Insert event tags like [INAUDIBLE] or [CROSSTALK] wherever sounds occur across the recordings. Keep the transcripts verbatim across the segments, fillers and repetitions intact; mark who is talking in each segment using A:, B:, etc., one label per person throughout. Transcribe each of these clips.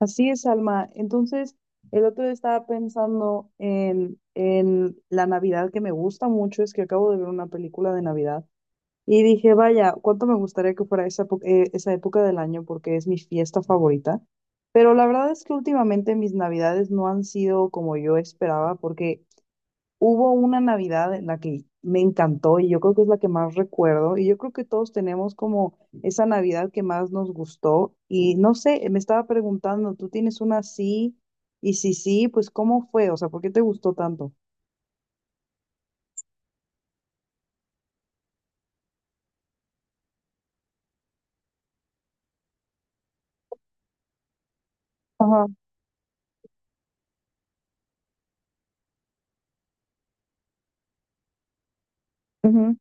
A: Así es, Alma. Entonces, el otro día estaba pensando en, en la Navidad que me gusta mucho, es que acabo de ver una película de Navidad y dije, vaya, cuánto me gustaría que fuera esa, epo- eh, esa época del año porque es mi fiesta favorita. Pero la verdad es que últimamente mis Navidades no han sido como yo esperaba porque hubo una Navidad en la que me encantó y yo creo que es la que más recuerdo y yo creo que todos tenemos como esa Navidad que más nos gustó y no sé, me estaba preguntando, ¿tú tienes una así? Y si sí, pues ¿cómo fue? O sea, ¿por qué te gustó tanto? Ajá, ujú,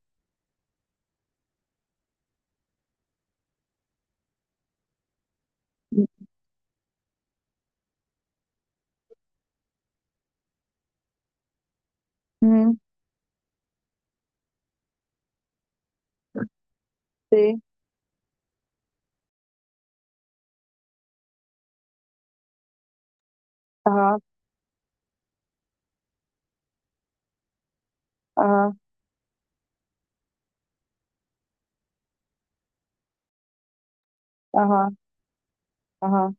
A: ujú, sí, ajá, ajá, ajá, ajá.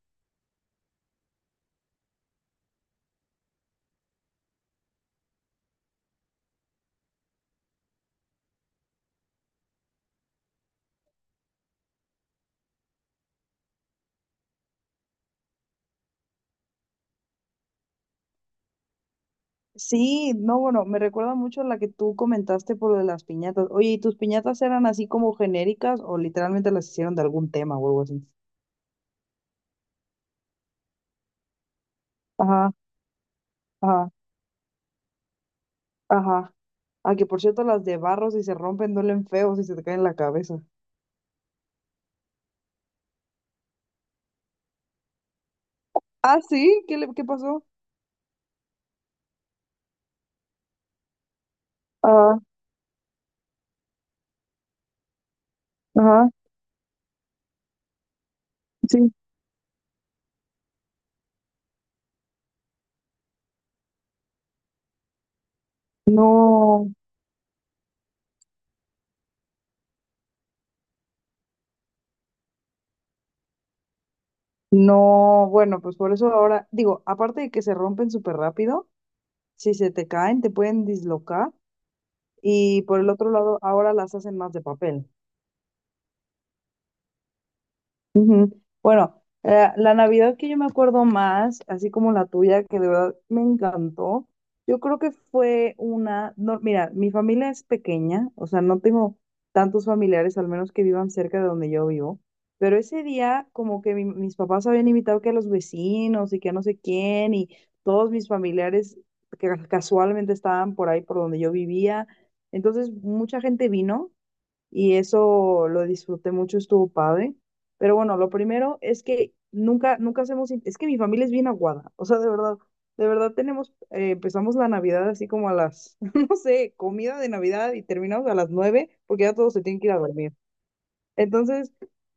A: Sí, no, bueno, me recuerda mucho a la que tú comentaste por lo de las piñatas. Oye, ¿y tus piñatas eran así como genéricas o literalmente las hicieron de algún tema o algo así? Ajá, ajá. Ajá. Ah, que por cierto, las de barro, si se rompen, duelen feo si se te caen en la cabeza. Ah, sí, ¿qué le, qué pasó? Ah, ajá, sí. No, no, bueno, pues por eso ahora, digo, aparte de que se rompen súper rápido, si se te caen, te pueden dislocar. Y por el otro lado, ahora las hacen más de papel. Ujú. Bueno, eh, la Navidad que yo me acuerdo más, así como la tuya, que de verdad me encantó, yo creo que fue una, no, mira, mi familia es pequeña, o sea, no tengo tantos familiares, al menos que vivan cerca de donde yo vivo, pero ese día como que mi- mis papás habían invitado que a los vecinos y que a no sé quién y todos mis familiares que casualmente estaban por ahí por donde yo vivía, entonces mucha gente vino y eso lo disfruté mucho, estuvo padre. Pero bueno, lo primero es que nunca, nunca hacemos, in- es que mi familia es bien aguada, o sea, de verdad, de verdad tenemos, eh, empezamos la Navidad así como a las, [LAUGHS] no sé, comida de Navidad y terminamos a las nueve porque ya todos se tienen que ir a dormir. Entonces,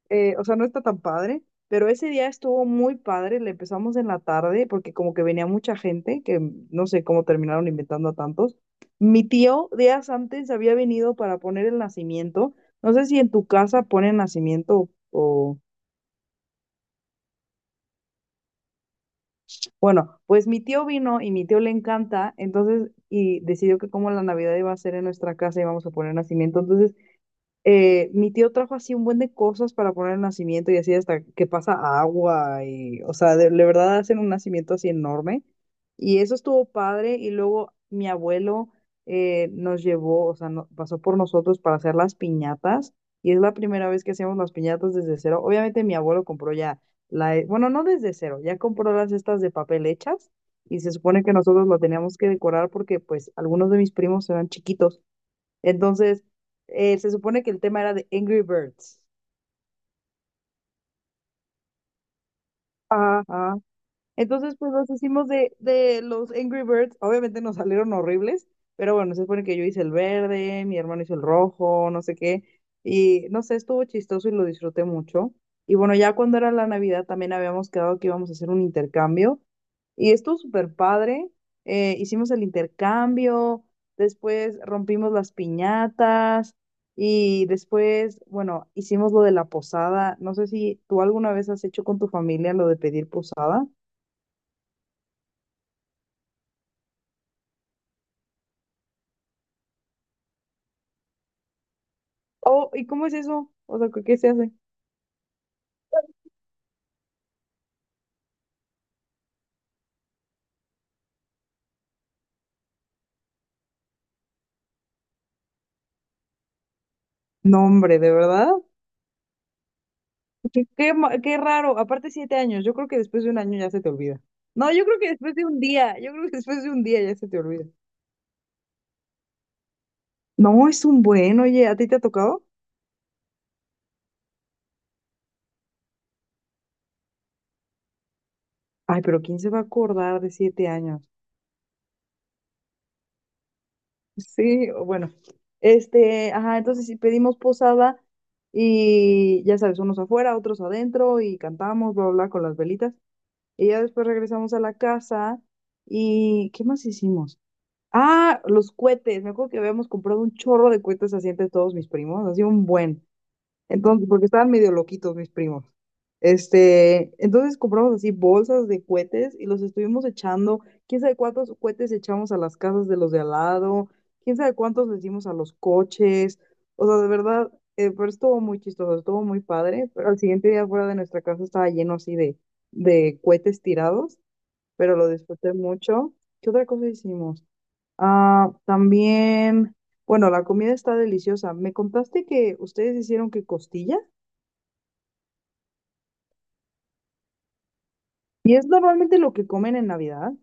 A: eh, o sea, no está tan padre, pero ese día estuvo muy padre, le empezamos en la tarde porque como que venía mucha gente, que no sé cómo terminaron inventando a tantos. Mi tío días antes había venido para poner el nacimiento, no sé si en tu casa ponen nacimiento o... Bueno, pues mi tío vino y mi tío le encanta, entonces, y decidió que como la Navidad iba a ser en nuestra casa íbamos a poner nacimiento, entonces eh, mi tío trajo así un buen de cosas para poner el nacimiento y así hasta que pasa agua y, o sea, de, de verdad hacen un nacimiento así enorme. Y eso estuvo padre y luego mi abuelo eh, nos llevó, o sea, no- pasó por nosotros para hacer las piñatas y es la primera vez que hacemos las piñatas desde cero. Obviamente mi abuelo compró ya la, he- bueno, no desde cero, ya compró las estas de papel hechas y se supone que nosotros lo teníamos que decorar porque pues algunos de mis primos eran chiquitos. Entonces, eh, se supone que el tema era de Angry Birds. Ajá. Ajá. Entonces, pues los hicimos de, de los Angry Birds. Obviamente nos salieron horribles, pero bueno, se supone que yo hice el verde, mi hermano hizo el rojo, no sé qué. Y no sé, estuvo chistoso y lo disfruté mucho. Y bueno, ya cuando era la Navidad también habíamos quedado que íbamos a hacer un intercambio. Y estuvo súper padre. Eh, hicimos el intercambio, después rompimos las piñatas y después, bueno, hicimos lo de la posada. No sé si tú alguna vez has hecho con tu familia lo de pedir posada. Oh, ¿y cómo es eso? O sea, ¿qué qué se hace? No, hombre, ¿de verdad? Qué, qué, ma- qué raro. Aparte, siete años. Yo creo que después de un año ya se te olvida. No, yo creo que después de un día. Yo creo que después de un día ya se te olvida. No, es un buen, oye, ¿a ti te ha tocado? Ay, pero ¿quién se va a acordar de siete años? Sí, o bueno. Este, ajá, entonces sí pedimos posada y ya sabes, unos afuera, otros adentro y cantamos, bla, bla, bla, con las velitas. Y ya después regresamos a la casa y ¿qué más hicimos? Ah, los cohetes. Me acuerdo que habíamos comprado un chorro de cohetes así entre todos mis primos, así un buen. Entonces, porque estaban medio loquitos mis primos. Este, entonces compramos así bolsas de cohetes y los estuvimos echando. ¿Quién sabe cuántos cohetes echamos a las casas de los de al lado? ¿Quién sabe cuántos le dimos a los coches? O sea, de verdad, eh, pero estuvo muy chistoso, estuvo muy padre. Pero al siguiente día fuera de nuestra casa estaba lleno así de, de cohetes tirados, pero lo disfruté mucho. ¿Qué otra cosa hicimos? Ah, también, bueno, la comida está deliciosa. Me contaste que ustedes hicieron que costilla y es normalmente lo que comen en Navidad.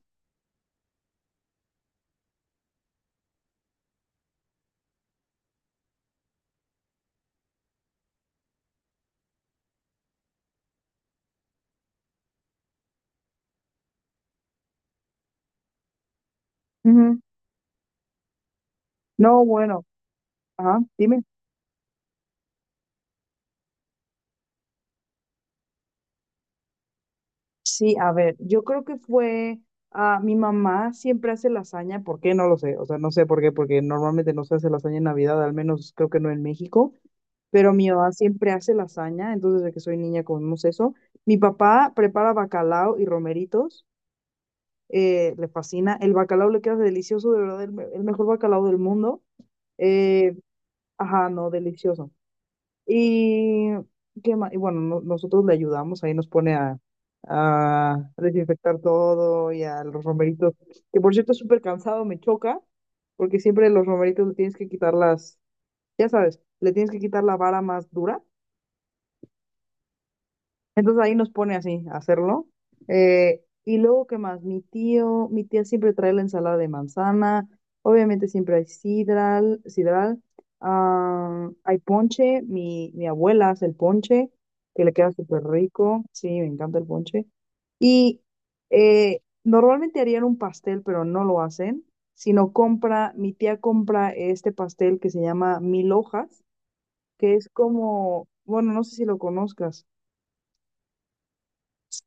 A: Ujú. No, bueno, ajá, dime. Sí, a ver, yo creo que fue, ah, mi mamá siempre hace lasaña, ¿por qué? No lo sé, o sea, no sé por qué, porque normalmente no se hace lasaña en Navidad, al menos creo que no en México, pero mi mamá siempre hace lasaña, entonces desde que soy niña comemos eso. Mi papá prepara bacalao y romeritos. Eh, le fascina. El bacalao le queda delicioso, de verdad, el, me- el mejor bacalao del mundo. Eh, ajá, no, delicioso. Y, ¿qué más? Y bueno, no- nosotros le ayudamos, ahí nos pone a, a desinfectar todo y a los romeritos, que por cierto es súper cansado, me choca, porque siempre los romeritos le tienes que quitar las, ya sabes, le tienes que quitar la vara más dura. Entonces ahí nos pone así a hacerlo. Eh, y luego, ¿qué más? Mi tío, mi tía siempre trae la ensalada de manzana. Obviamente siempre hay sidral, sidral. Ah, hay ponche. Mi, mi abuela hace el ponche, que le queda súper rico. Sí, me encanta el ponche. Y eh, normalmente harían un pastel, pero no lo hacen, sino compra, mi tía compra este pastel que se llama Mil Hojas, que es como, bueno, no sé si lo conozcas.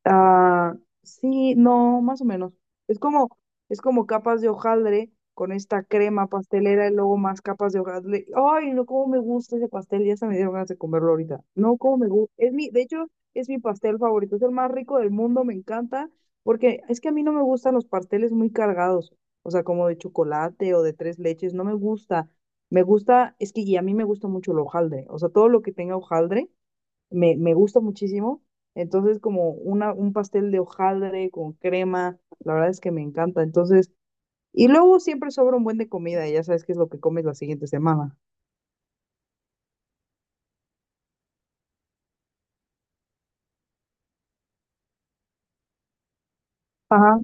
A: Ah, sí, no, más o menos. Es como, es como capas de hojaldre con esta crema pastelera y luego más capas de hojaldre. Ay, no, cómo me gusta ese pastel. Ya se me dieron ganas de comerlo ahorita. No, cómo me gusta. Es mi, de hecho, es mi pastel favorito. Es el más rico del mundo, me encanta. Porque es que a mí no me gustan los pasteles muy cargados. O sea, como de chocolate o de tres leches. No me gusta. Me gusta, es que y a mí me gusta mucho el hojaldre. O sea, todo lo que tenga hojaldre me, me gusta muchísimo. Entonces, como una, un pastel de hojaldre con crema, la verdad es que me encanta. Entonces, y luego siempre sobra un buen de comida, y ya sabes qué es lo que comes la siguiente semana. Ajá.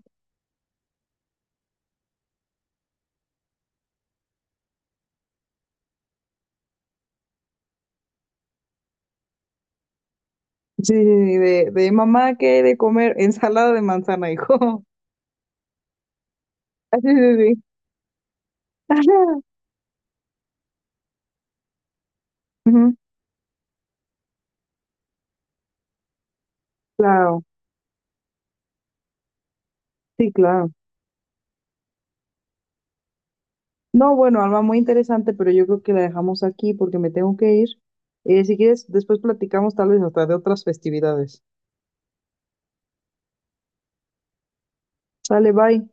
A: Sí, sí, sí, de, de mamá, ¿qué hay de comer? Ensalada de manzana, hijo. [LAUGHS] Sí, sí, sí. [LAUGHS] Ujú, claro, sí, claro. No, bueno, Alma, muy interesante, pero yo creo que la dejamos aquí porque me tengo que ir. Eh, si quieres, después platicamos tal vez hasta de otras festividades. Sale, bye.